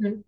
Hı.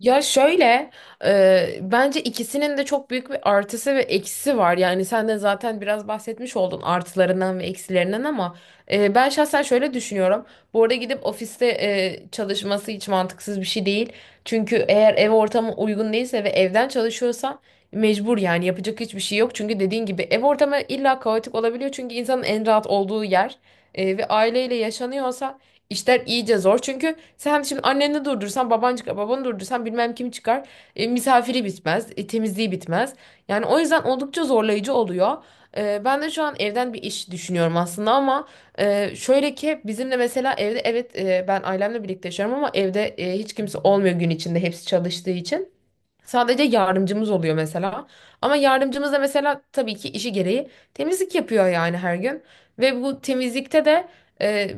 Ya şöyle, bence ikisinin de çok büyük bir artısı ve eksisi var. Yani sen de zaten biraz bahsetmiş oldun artılarından ve eksilerinden ama ben şahsen şöyle düşünüyorum. Bu arada gidip ofiste çalışması hiç mantıksız bir şey değil. Çünkü eğer ev ortamı uygun değilse ve evden çalışıyorsan mecbur, yani yapacak hiçbir şey yok. Çünkü dediğin gibi ev ortamı illa kaotik olabiliyor. Çünkü insanın en rahat olduğu yer ve aileyle yaşanıyorsa işler iyice zor. Çünkü sen şimdi anneni durdursan, baban çıkar, babanı durdursan bilmem kim çıkar. Misafiri bitmez, temizliği bitmez. Yani o yüzden oldukça zorlayıcı oluyor. Ben de şu an evden bir iş düşünüyorum aslında, ama şöyle ki bizim de mesela evde, evet, ben ailemle birlikte yaşıyorum ama evde hiç kimse olmuyor gün içinde, hepsi çalıştığı için. Sadece yardımcımız oluyor mesela. Ama yardımcımız da mesela tabii ki işi gereği temizlik yapıyor yani her gün. Ve bu temizlikte de e,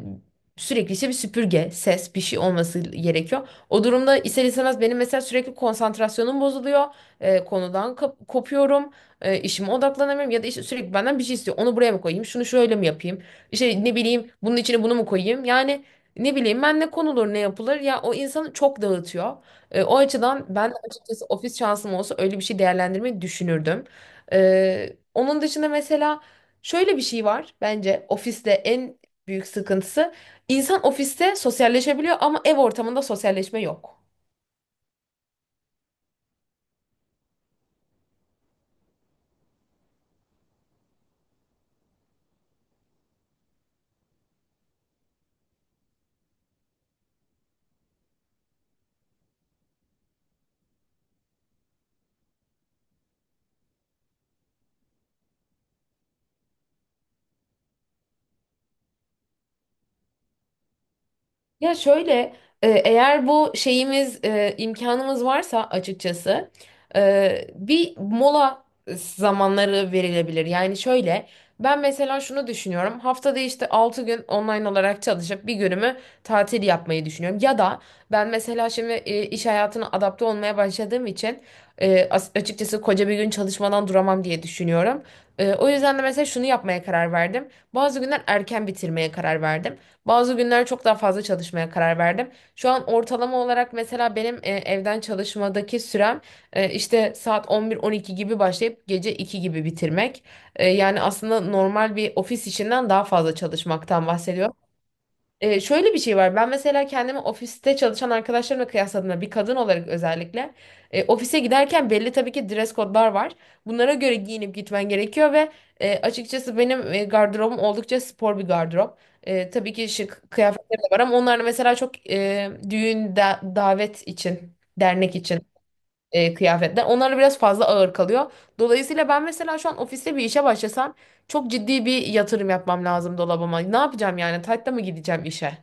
sürekli işte bir süpürge, ses, bir şey olması gerekiyor. O durumda ister istemez benim mesela sürekli konsantrasyonum bozuluyor. Konudan kopuyorum. İşime odaklanamıyorum ya da işte sürekli benden bir şey istiyor. Onu buraya mı koyayım? Şunu şöyle mi yapayım? İşte ne bileyim bunun içine bunu mu koyayım? Yani ne bileyim ben, ne konulur ne yapılır, ya o insanı çok dağıtıyor. O açıdan ben açıkçası ofis şansım olsa öyle bir şey değerlendirmeyi düşünürdüm. Onun dışında mesela şöyle bir şey var, bence ofiste en büyük sıkıntısı, insan ofiste sosyalleşebiliyor ama ev ortamında sosyalleşme yok. Ya şöyle, eğer bu şeyimiz, imkanımız varsa açıkçası bir mola zamanları verilebilir. Yani şöyle, ben mesela şunu düşünüyorum: haftada işte 6 gün online olarak çalışıp bir günümü tatil yapmayı düşünüyorum. Ya da ben mesela şimdi iş hayatına adapte olmaya başladığım için açıkçası koca bir gün çalışmadan duramam diye düşünüyorum. O yüzden de mesela şunu yapmaya karar verdim. Bazı günler erken bitirmeye karar verdim. Bazı günler çok daha fazla çalışmaya karar verdim. Şu an ortalama olarak mesela benim evden çalışmadaki sürem işte saat 11-12 gibi başlayıp gece 2 gibi bitirmek. Yani aslında normal bir ofis işinden daha fazla çalışmaktan bahsediyorum. Şöyle bir şey var. Ben mesela kendimi ofiste çalışan arkadaşlarımla kıyasladığımda, bir kadın olarak özellikle ofise giderken belli tabii ki dress code'lar var. Bunlara göre giyinip gitmen gerekiyor ve açıkçası benim gardırobum oldukça spor bir gardırop. Tabii ki şık kıyafetlerim de var ama onlar da mesela çok düğün, davet için, dernek için kıyafetler. Onlar da biraz fazla ağır kalıyor. Dolayısıyla ben mesela şu an ofiste bir işe başlasam çok ciddi bir yatırım yapmam lazım dolabıma. Ne yapacağım yani? Taytta mı gideceğim işe?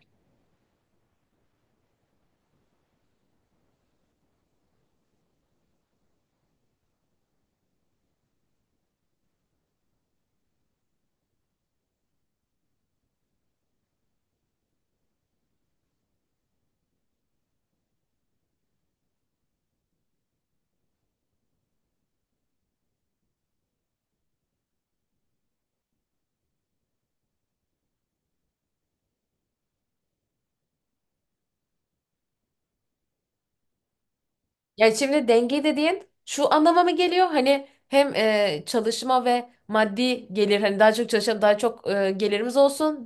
Yani şimdi denge dediğin şu anlama mı geliyor? Hani hem çalışma ve maddi gelir, hani daha çok çalışalım daha çok gelirimiz olsun.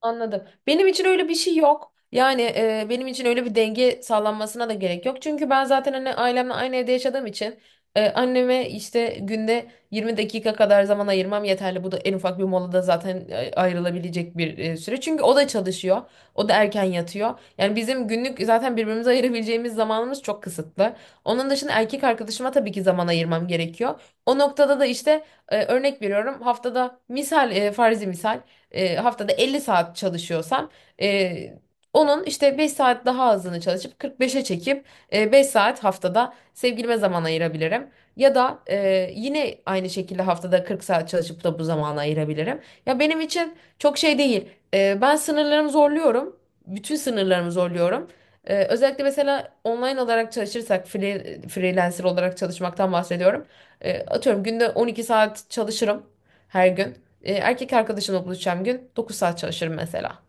Anladım. Benim için öyle bir şey yok. Yani benim için öyle bir denge sağlanmasına da gerek yok. Çünkü ben zaten hani ailemle aynı evde yaşadığım için anneme işte günde 20 dakika kadar zaman ayırmam yeterli. Bu da en ufak bir molada zaten ayrılabilecek bir süre. Çünkü o da çalışıyor. O da erken yatıyor. Yani bizim günlük zaten birbirimize ayırabileceğimiz zamanımız çok kısıtlı. Onun dışında erkek arkadaşıma tabii ki zaman ayırmam gerekiyor. O noktada da işte, örnek veriyorum, haftada misal, farzi misal, haftada 50 saat çalışıyorsam e, onun işte 5 saat daha azını çalışıp 45'e çekip 5 saat haftada sevgilime zaman ayırabilirim. Ya da yine aynı şekilde haftada 40 saat çalışıp da bu zamanı ayırabilirim. Ya benim için çok şey değil. Ben sınırlarımı zorluyorum. Bütün sınırlarımı zorluyorum. Özellikle mesela online olarak çalışırsak, freelancer olarak çalışmaktan bahsediyorum. Atıyorum günde 12 saat çalışırım her gün. Erkek arkadaşımla buluşacağım gün 9 saat çalışırım mesela.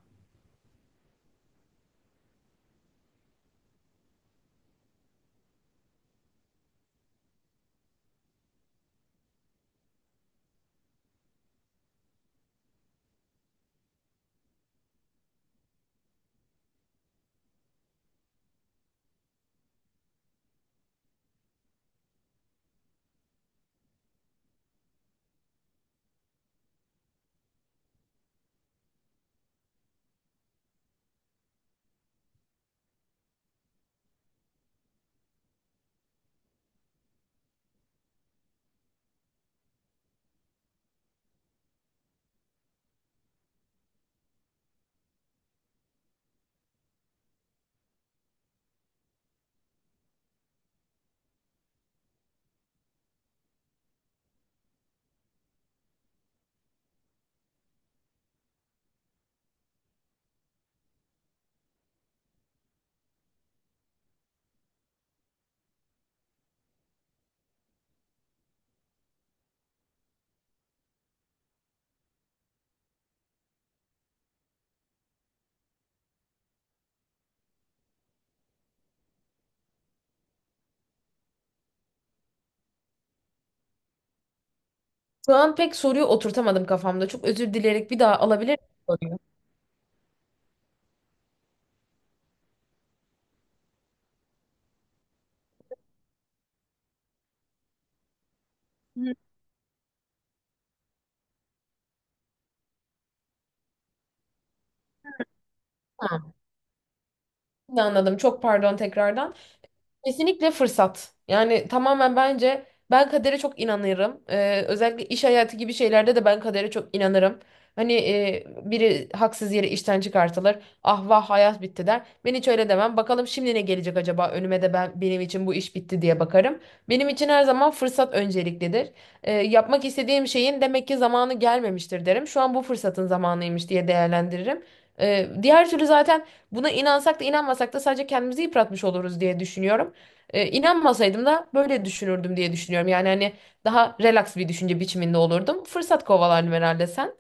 Şu an pek soruyu oturtamadım kafamda. Çok özür dileyerek bir daha alabilir miyim soruyu? Hı. Tamam. Şimdi anladım. Çok pardon tekrardan. Kesinlikle fırsat. Yani tamamen bence ben kadere çok inanırım. Özellikle iş hayatı gibi şeylerde de ben kadere çok inanırım. Hani, biri haksız yere işten çıkartılır. Ah vah hayat bitti der. Ben hiç öyle demem. Bakalım şimdi ne gelecek acaba önüme de, ben benim için bu iş bitti diye bakarım. Benim için her zaman fırsat önceliklidir. Yapmak istediğim şeyin demek ki zamanı gelmemiştir derim. Şu an bu fırsatın zamanıymış diye değerlendiririm. Diğer türlü zaten, buna inansak da inanmasak da sadece kendimizi yıpratmış oluruz diye düşünüyorum. İnanmasaydım da böyle düşünürdüm diye düşünüyorum. Yani hani daha relax bir düşünce biçiminde olurdum. Fırsat kovalardım herhalde sen.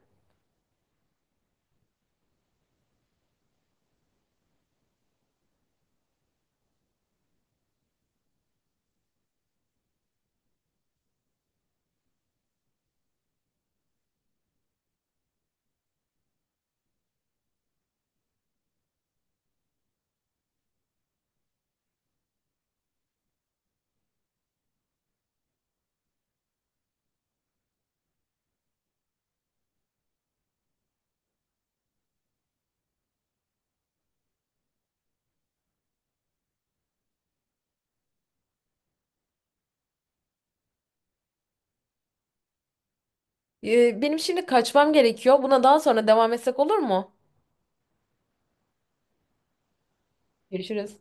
Benim şimdi kaçmam gerekiyor. Buna daha sonra devam etsek olur mu? Görüşürüz.